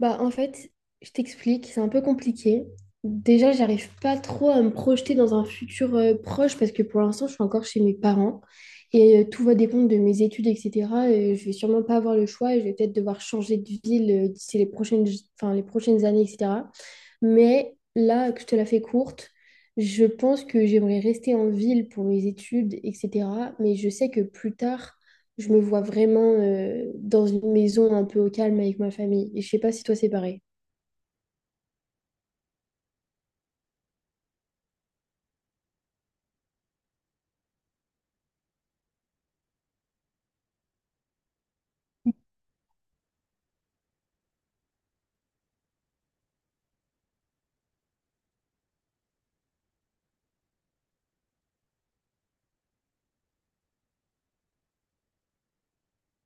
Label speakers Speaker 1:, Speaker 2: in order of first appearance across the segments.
Speaker 1: Bah, en fait, je t'explique, c'est un peu compliqué. Déjà, j'arrive pas trop à me projeter dans un futur proche parce que pour l'instant, je suis encore chez mes parents et tout va dépendre de mes études, etc. Et je vais sûrement pas avoir le choix et je vais peut-être devoir changer de ville d'ici les prochaines, enfin, les prochaines années, etc. Mais là, que je te la fais courte, je pense que j'aimerais rester en ville pour mes études, etc. Mais je sais que plus tard, je me vois vraiment dans une maison un peu au calme avec ma famille. Et je sais pas si toi, c'est pareil.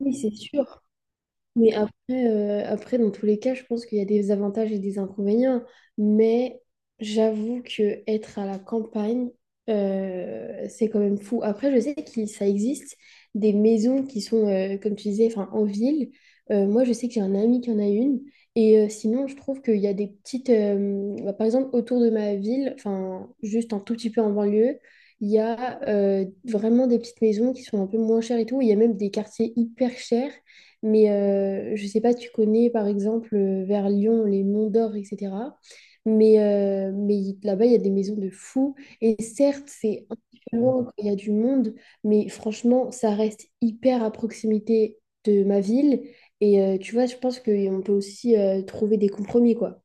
Speaker 1: Oui, c'est sûr. Mais après, après, dans tous les cas, je pense qu'il y a des avantages et des inconvénients. Mais j'avoue que être à la campagne, c'est quand même fou. Après, je sais que ça existe des maisons qui sont, comme tu disais, enfin, en ville. Moi, je sais que j'ai un ami qui en a une. Et sinon, je trouve qu'il y a des petites... bah, par exemple, autour de ma ville, enfin, juste un tout petit peu en banlieue, il y a vraiment des petites maisons qui sont un peu moins chères et tout. Il y a même des quartiers hyper chers mais je sais pas, tu connais par exemple vers Lyon les Monts d'Or, etc. Mais, là-bas, il y a des maisons de fous. Et certes, c'est un petit peu loin quand il y a du monde, mais franchement, ça reste hyper à proximité de ma ville. Et tu vois, je pense qu'on peut aussi trouver des compromis, quoi.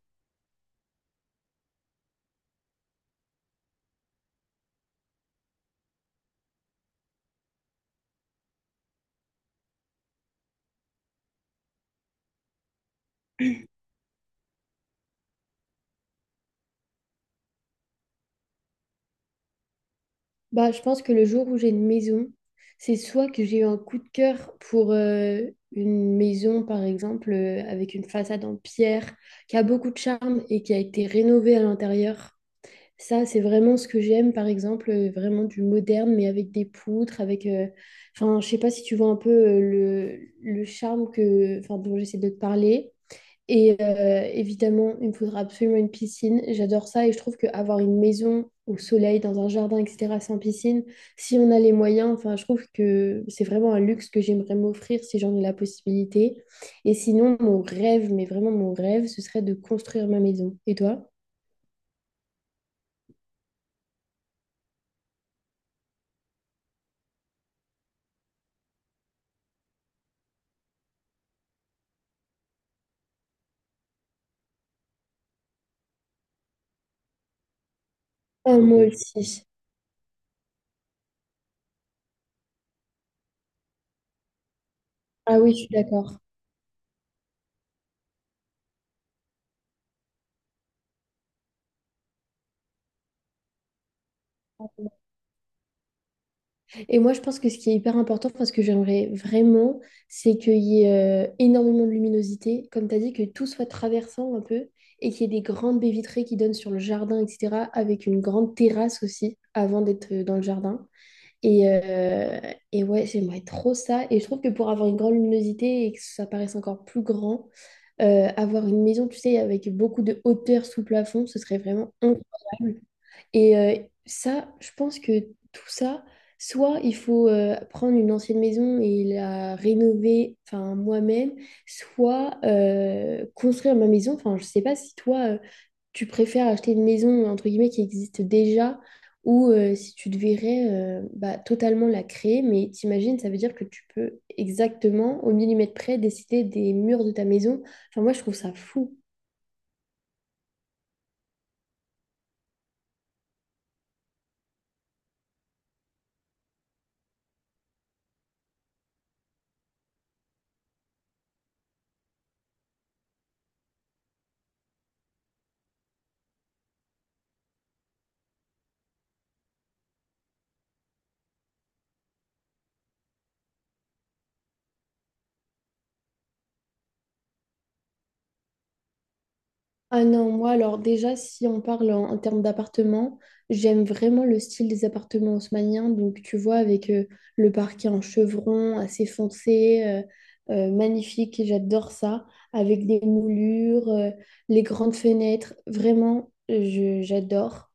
Speaker 1: Bah, je pense que le jour où j'ai une maison, c'est soit que j'ai eu un coup de cœur pour une maison, par exemple, avec une façade en pierre, qui a beaucoup de charme et qui a été rénovée à l'intérieur. Ça, c'est vraiment ce que j'aime, par exemple, vraiment du moderne, mais avec des poutres, enfin, je sais pas si tu vois un peu le charme que, enfin, dont j'essaie de te parler. Et évidemment, il me faudra absolument une piscine. J'adore ça et je trouve qu'avoir une maison au soleil, dans un jardin, etc., sans piscine, si on a les moyens, enfin, je trouve que c'est vraiment un luxe que j'aimerais m'offrir si j'en ai la possibilité. Et sinon, mon rêve, mais vraiment mon rêve, ce serait de construire ma maison. Et toi? Ah, moi aussi. Ah oui, je suis d'accord. Et moi, je pense que ce qui est hyper important, enfin, ce que j'aimerais vraiment, c'est qu'il y ait énormément de luminosité, comme tu as dit, que tout soit traversant un peu, et qu'il y ait des grandes baies vitrées qui donnent sur le jardin, etc., avec une grande terrasse aussi, avant d'être dans le jardin. Et, euh, et ouais, j'aimerais trop ça. Et je trouve que pour avoir une grande luminosité et que ça paraisse encore plus grand, avoir une maison, tu sais, avec beaucoup de hauteur sous plafond, ce serait vraiment incroyable. Et ça, je pense que tout ça, soit il faut prendre une ancienne maison et la rénover, enfin moi-même, soit construire ma maison. Enfin, je sais pas si toi, tu préfères acheter une maison entre guillemets qui existe déjà ou si tu devrais bah, totalement la créer. Mais t'imagines, ça veut dire que tu peux exactement au millimètre près décider des murs de ta maison. Enfin, moi, je trouve ça fou. Ah non, moi alors déjà si on parle en termes d'appartements, j'aime vraiment le style des appartements haussmanniens, donc tu vois avec le parquet en chevron assez foncé, magnifique, et j'adore ça, avec des moulures, les grandes fenêtres, vraiment j'adore.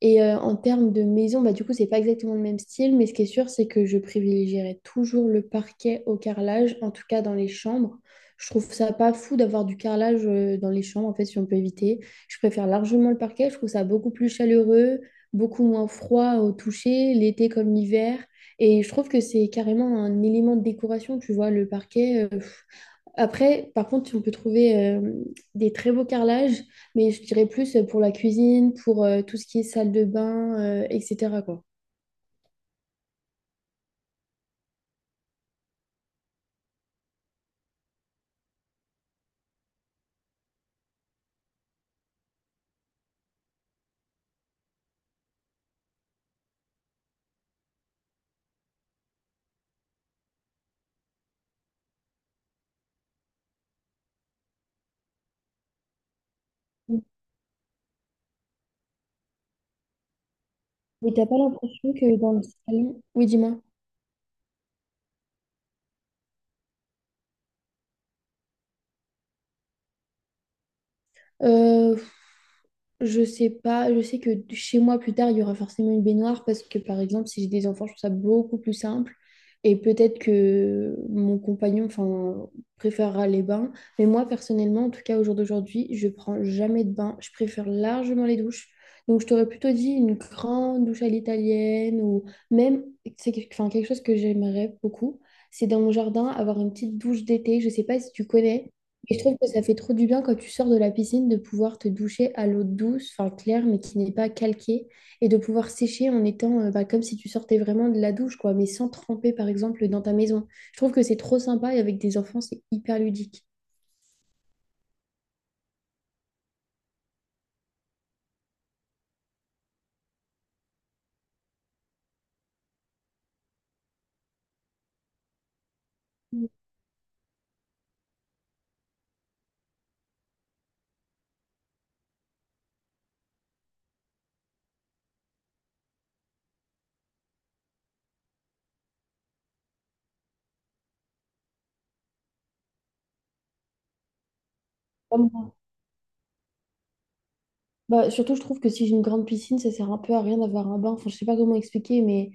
Speaker 1: Et en termes de maison, bah, du coup, c'est pas exactement le même style, mais ce qui est sûr, c'est que je privilégierais toujours le parquet au carrelage, en tout cas dans les chambres. Je trouve ça pas fou d'avoir du carrelage dans les chambres, en fait, si on peut éviter. Je préfère largement le parquet, je trouve ça beaucoup plus chaleureux, beaucoup moins froid au toucher, l'été comme l'hiver. Et je trouve que c'est carrément un élément de décoration, tu vois, le parquet. Après, par contre, on peut trouver des très beaux carrelages, mais je dirais plus pour la cuisine, pour tout ce qui est salle de bain, etc., quoi. Mais t'as pas l'impression que dans le salon, oui, dis-moi. Euh, Je sais pas, je sais que chez moi plus tard, il y aura forcément une baignoire parce que par exemple, si j'ai des enfants, je trouve ça beaucoup plus simple. Et peut-être que mon compagnon, enfin, préférera les bains. Mais moi, personnellement, en tout cas au jour d'aujourd'hui, je prends jamais de bain. Je préfère largement les douches. Donc, je t'aurais plutôt dit une grande douche à l'italienne ou même, c'est quelque enfin, quelque chose que j'aimerais beaucoup. C'est dans mon jardin avoir une petite douche d'été. Je sais pas si tu connais. Et je trouve que ça fait trop du bien quand tu sors de la piscine de pouvoir te doucher à l'eau douce, enfin claire, mais qui n'est pas calquée, et de pouvoir sécher en étant bah, comme si tu sortais vraiment de la douche, quoi, mais sans tremper, par exemple, dans ta maison. Je trouve que c'est trop sympa et avec des enfants, c'est hyper ludique. Moi. Bah, surtout, je trouve que si j'ai une grande piscine, ça sert un peu à rien d'avoir un bain. Enfin, je sais pas comment expliquer, mais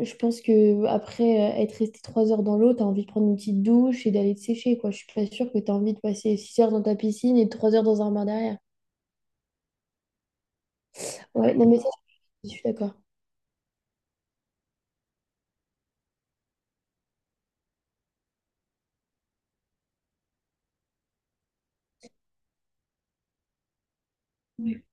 Speaker 1: je pense que après être resté 3 heures dans l'eau, t'as envie de prendre une petite douche et d'aller te sécher, quoi. Je suis pas sûre que t'as envie de passer 6 heures dans ta piscine et 3 heures dans un bain derrière. Ouais, non, mais ça, je suis d'accord. Ouais.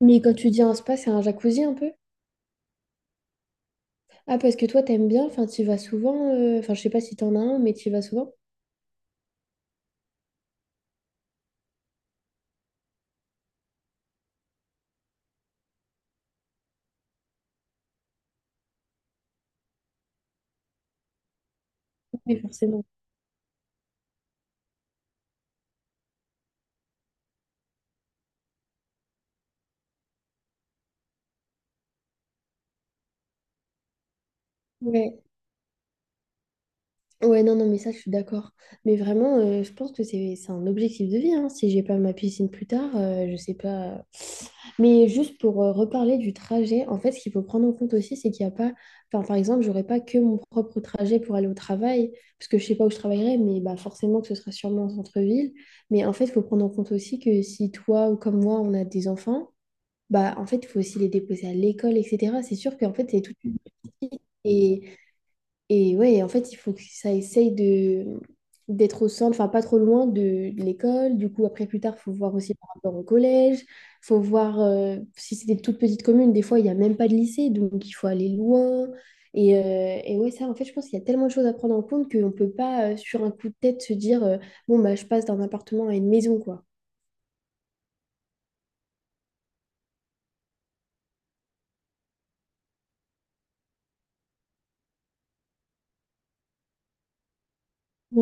Speaker 1: Mais quand tu dis un spa, c'est un jacuzzi un peu? Ah, parce que toi, t'aimes bien, enfin, t'y vas souvent. Enfin, je sais pas si t'en as un, mais t'y vas souvent. Oui, forcément. Ouais. Ouais, non, non, mais ça, je suis d'accord. Mais vraiment, je pense que c'est un objectif de vie, hein. Si j'ai pas ma piscine plus tard, je sais pas. Mais juste pour reparler du trajet, en fait, ce qu'il faut prendre en compte aussi, c'est qu'il n'y a pas, enfin, par exemple, j'aurais pas que mon propre trajet pour aller au travail, parce que je sais pas où je travaillerai, mais bah, forcément que ce sera sûrement en centre-ville. Mais en fait, il faut prendre en compte aussi que si toi ou comme moi, on a des enfants, bah, en fait, il faut aussi les déposer à l'école, etc. C'est sûr qu'en fait, c'est toute une... Et ouais, en fait, il faut que ça essaye de d'être au centre, enfin pas trop loin de l'école. Du coup, après, plus tard, faut voir aussi par rapport au collège. Faut voir si c'est des toutes petites communes. Des fois, il n'y a même pas de lycée, donc il faut aller loin. Et ouais, ça, en fait, je pense qu'il y a tellement de choses à prendre en compte qu'on ne peut pas, sur un coup de tête, se dire, bon, bah, je passe d'un appartement à une maison, quoi.